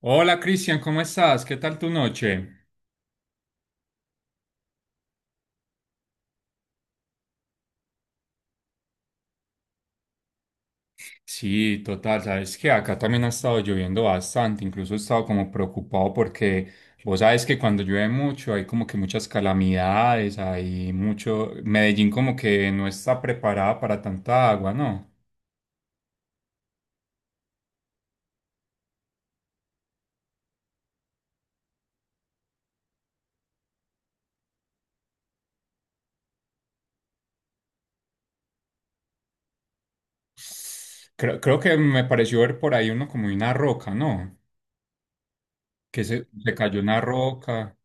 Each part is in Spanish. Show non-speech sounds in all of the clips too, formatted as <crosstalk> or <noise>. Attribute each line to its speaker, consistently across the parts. Speaker 1: Hola Cristian, ¿cómo estás? ¿Qué tal tu noche? Sí, total, sabes que acá también ha estado lloviendo bastante, incluso he estado como preocupado porque vos sabes que cuando llueve mucho hay como que muchas calamidades, hay mucho, Medellín como que no está preparada para tanta agua, ¿no? Creo que me pareció ver por ahí uno como una roca, ¿no? Que se cayó una roca.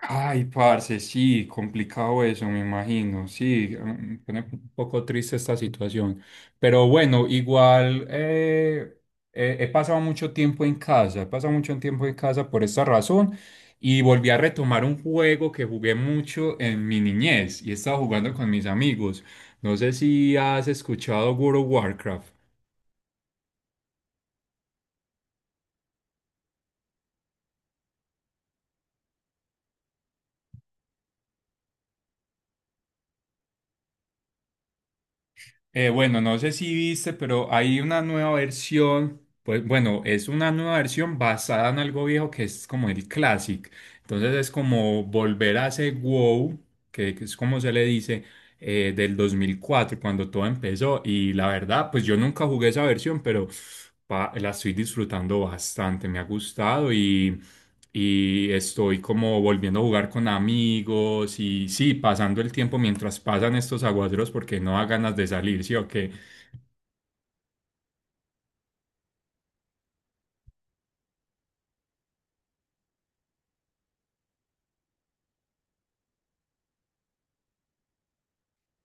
Speaker 1: Ay, parce, sí, complicado eso, me imagino. Sí, pone un poco triste esta situación. Pero bueno, igual, he pasado mucho tiempo en casa, he pasado mucho tiempo en casa por esta razón y volví a retomar un juego que jugué mucho en mi niñez y he estado jugando con mis amigos. No sé si has escuchado World of Warcraft. Bueno, no sé si viste, pero hay una nueva versión, pues bueno, es una nueva versión basada en algo viejo que es como el Classic. Entonces es como volver a ese WoW, que es como se le dice, del 2004 cuando todo empezó. Y la verdad, pues yo nunca jugué esa versión, pero la estoy disfrutando bastante, me ha gustado y estoy como volviendo a jugar con amigos y sí, pasando el tiempo mientras pasan estos aguaceros porque no da ganas de salir, ¿sí o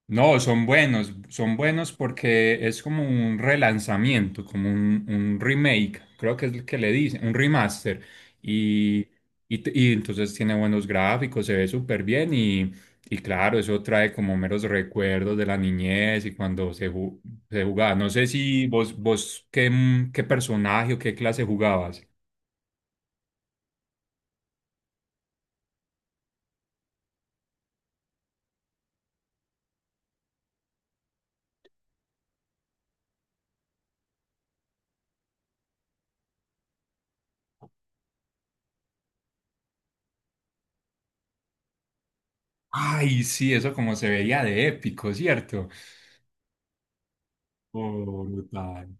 Speaker 1: No, son buenos porque es como un relanzamiento, como un remake, creo que es lo que le dicen, un remaster. Y, y entonces tiene buenos gráficos, se ve súper bien y claro, eso trae como meros recuerdos de la niñez y cuando se jugaba. No sé si vos qué, qué personaje o qué clase jugabas. Ay, sí, eso como se veía de épico, ¿cierto? Oh, brutal.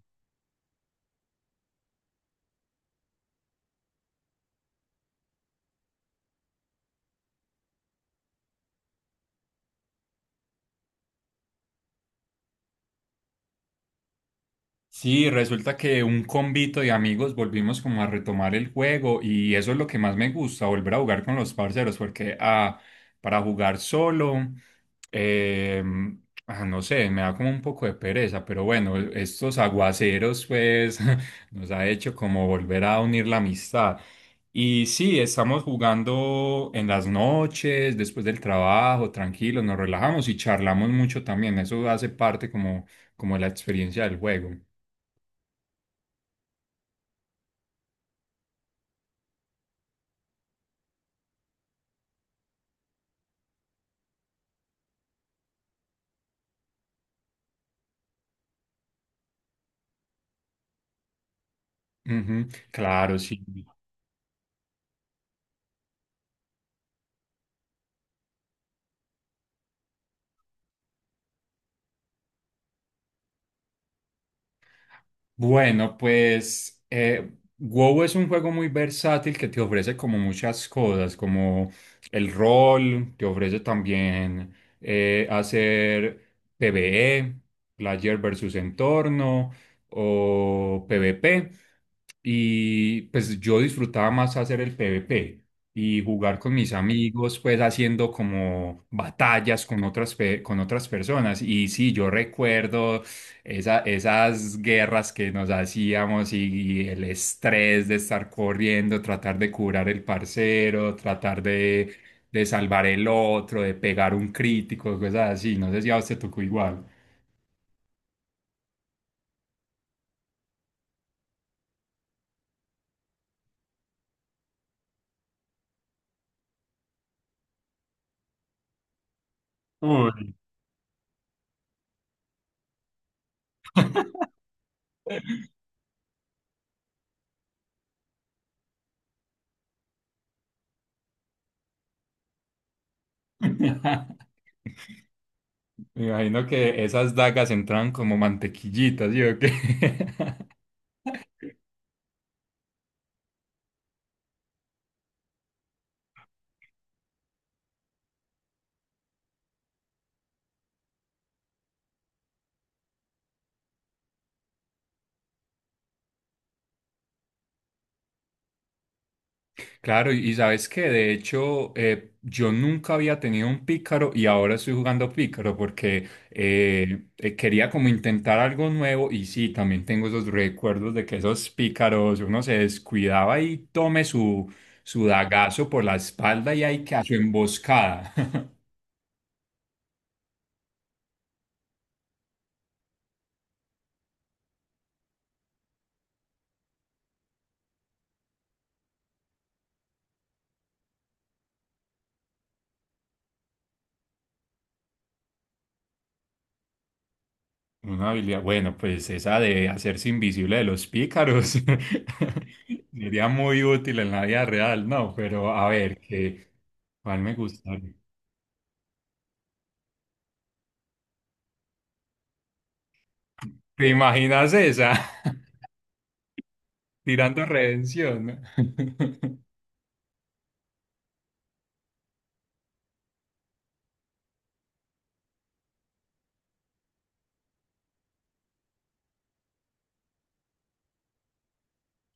Speaker 1: Sí, resulta que un convito de amigos volvimos como a retomar el juego y eso es lo que más me gusta, volver a jugar con los parceros, porque para jugar solo, eh, no sé, me da como un poco de pereza, pero bueno, estos aguaceros pues <laughs> nos ha hecho como volver a unir la amistad. Y sí, estamos jugando en las noches, después del trabajo, tranquilos, nos relajamos y charlamos mucho también, eso hace parte como de la experiencia del juego. Ujú, claro, sí. Bueno, pues WoW es un juego muy versátil que te ofrece como muchas cosas, como el rol, te ofrece también hacer PvE, player versus entorno o PvP. Y pues yo disfrutaba más hacer el PvP y jugar con mis amigos, pues haciendo como batallas con otras, con otras personas. Y sí, yo recuerdo esas guerras que nos hacíamos y el estrés de estar corriendo, tratar de curar el parcero, tratar de salvar el otro, de pegar un crítico, cosas así. No sé si a usted tocó igual. Uy. <laughs> Me imagino que esas dagas entraban como mantequillitas, ¿sí o qué? <laughs> Claro, y sabes que de hecho yo nunca había tenido un pícaro y ahora estoy jugando pícaro porque quería como intentar algo nuevo y sí, también tengo esos recuerdos de que esos pícaros uno se descuidaba y tome su dagazo por la espalda y hay que hacer su emboscada. <laughs> Una habilidad, bueno, pues esa de hacerse invisible de los pícaros <laughs> sería muy útil en la vida real, ¿no? Pero a ver, que, ¿cuál me gusta? ¿Te imaginas esa? <laughs> Tirando redención, ¿no? <laughs>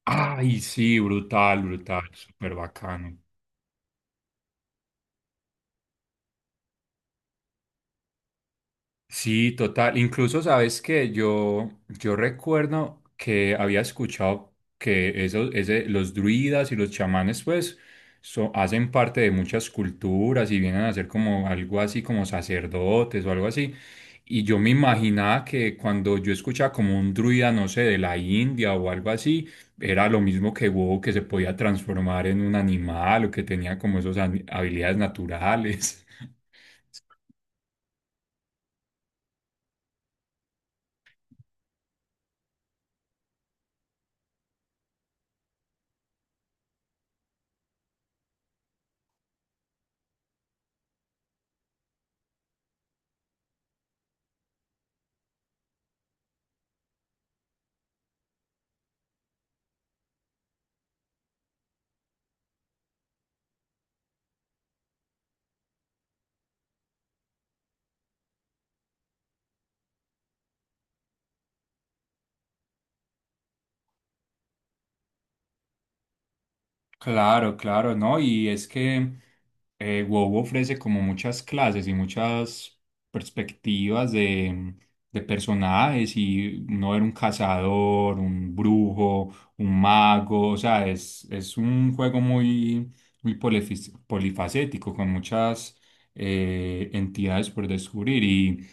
Speaker 1: Ay, sí, brutal, brutal, súper bacano. Sí, total. Incluso sabes que yo recuerdo que había escuchado que los druidas y los chamanes, pues, hacen parte de muchas culturas y vienen a ser como algo así como sacerdotes o algo así. Y yo me imaginaba que cuando yo escuchaba como un druida, no sé, de la India o algo así, era lo mismo que WoW, que se podía transformar en un animal o que tenía como esas habilidades naturales. <laughs> Claro, claro, ¿no? Y es que WoW ofrece como muchas clases y muchas perspectivas de personajes y no era un cazador, un brujo, un mago, o sea, es un juego muy, polifacético con muchas entidades por descubrir y,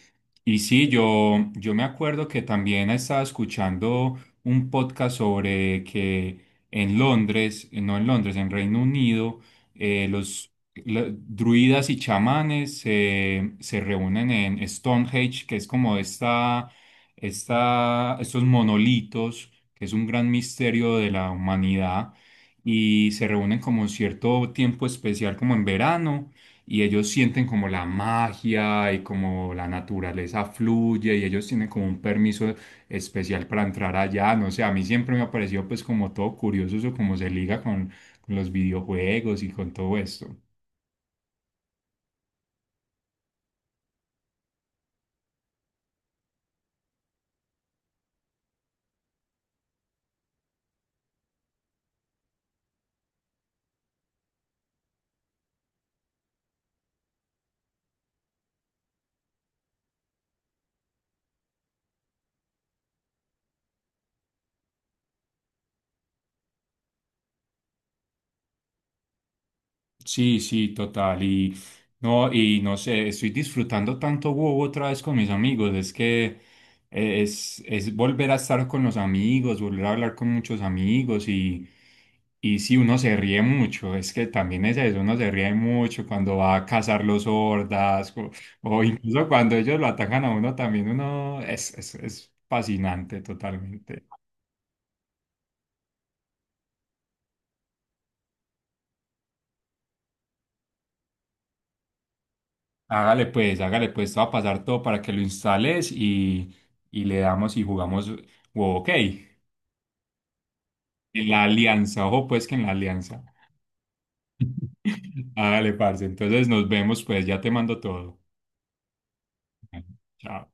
Speaker 1: y sí, yo me acuerdo que también estaba escuchando un podcast sobre que en Londres, no en Londres, en Reino Unido, los druidas y chamanes se reúnen en Stonehenge, que es como estos monolitos, que es un gran misterio de la humanidad, y se reúnen como un cierto tiempo especial, como en verano. Y ellos sienten como la magia y como la naturaleza fluye y ellos tienen como un permiso especial para entrar allá, no sé, a mí siempre me ha parecido pues como todo curioso eso, como se liga con los videojuegos y con todo esto. Sí, sí, total. Y no sé, estoy disfrutando tanto WoW otra vez con mis amigos. Es que es volver a estar con los amigos, volver a hablar con muchos amigos y sí, uno se ríe mucho. Es que también es eso, uno se ríe mucho cuando va a cazar los hordas o incluso cuando ellos lo atacan a uno también. Uno es fascinante totalmente. Hágale pues, te va a pasar todo para que lo instales y le damos y jugamos. Wow, ok, en la alianza, ojo pues que en la alianza. <laughs> Hágale, parce. Entonces nos vemos pues, ya te mando todo. Chao.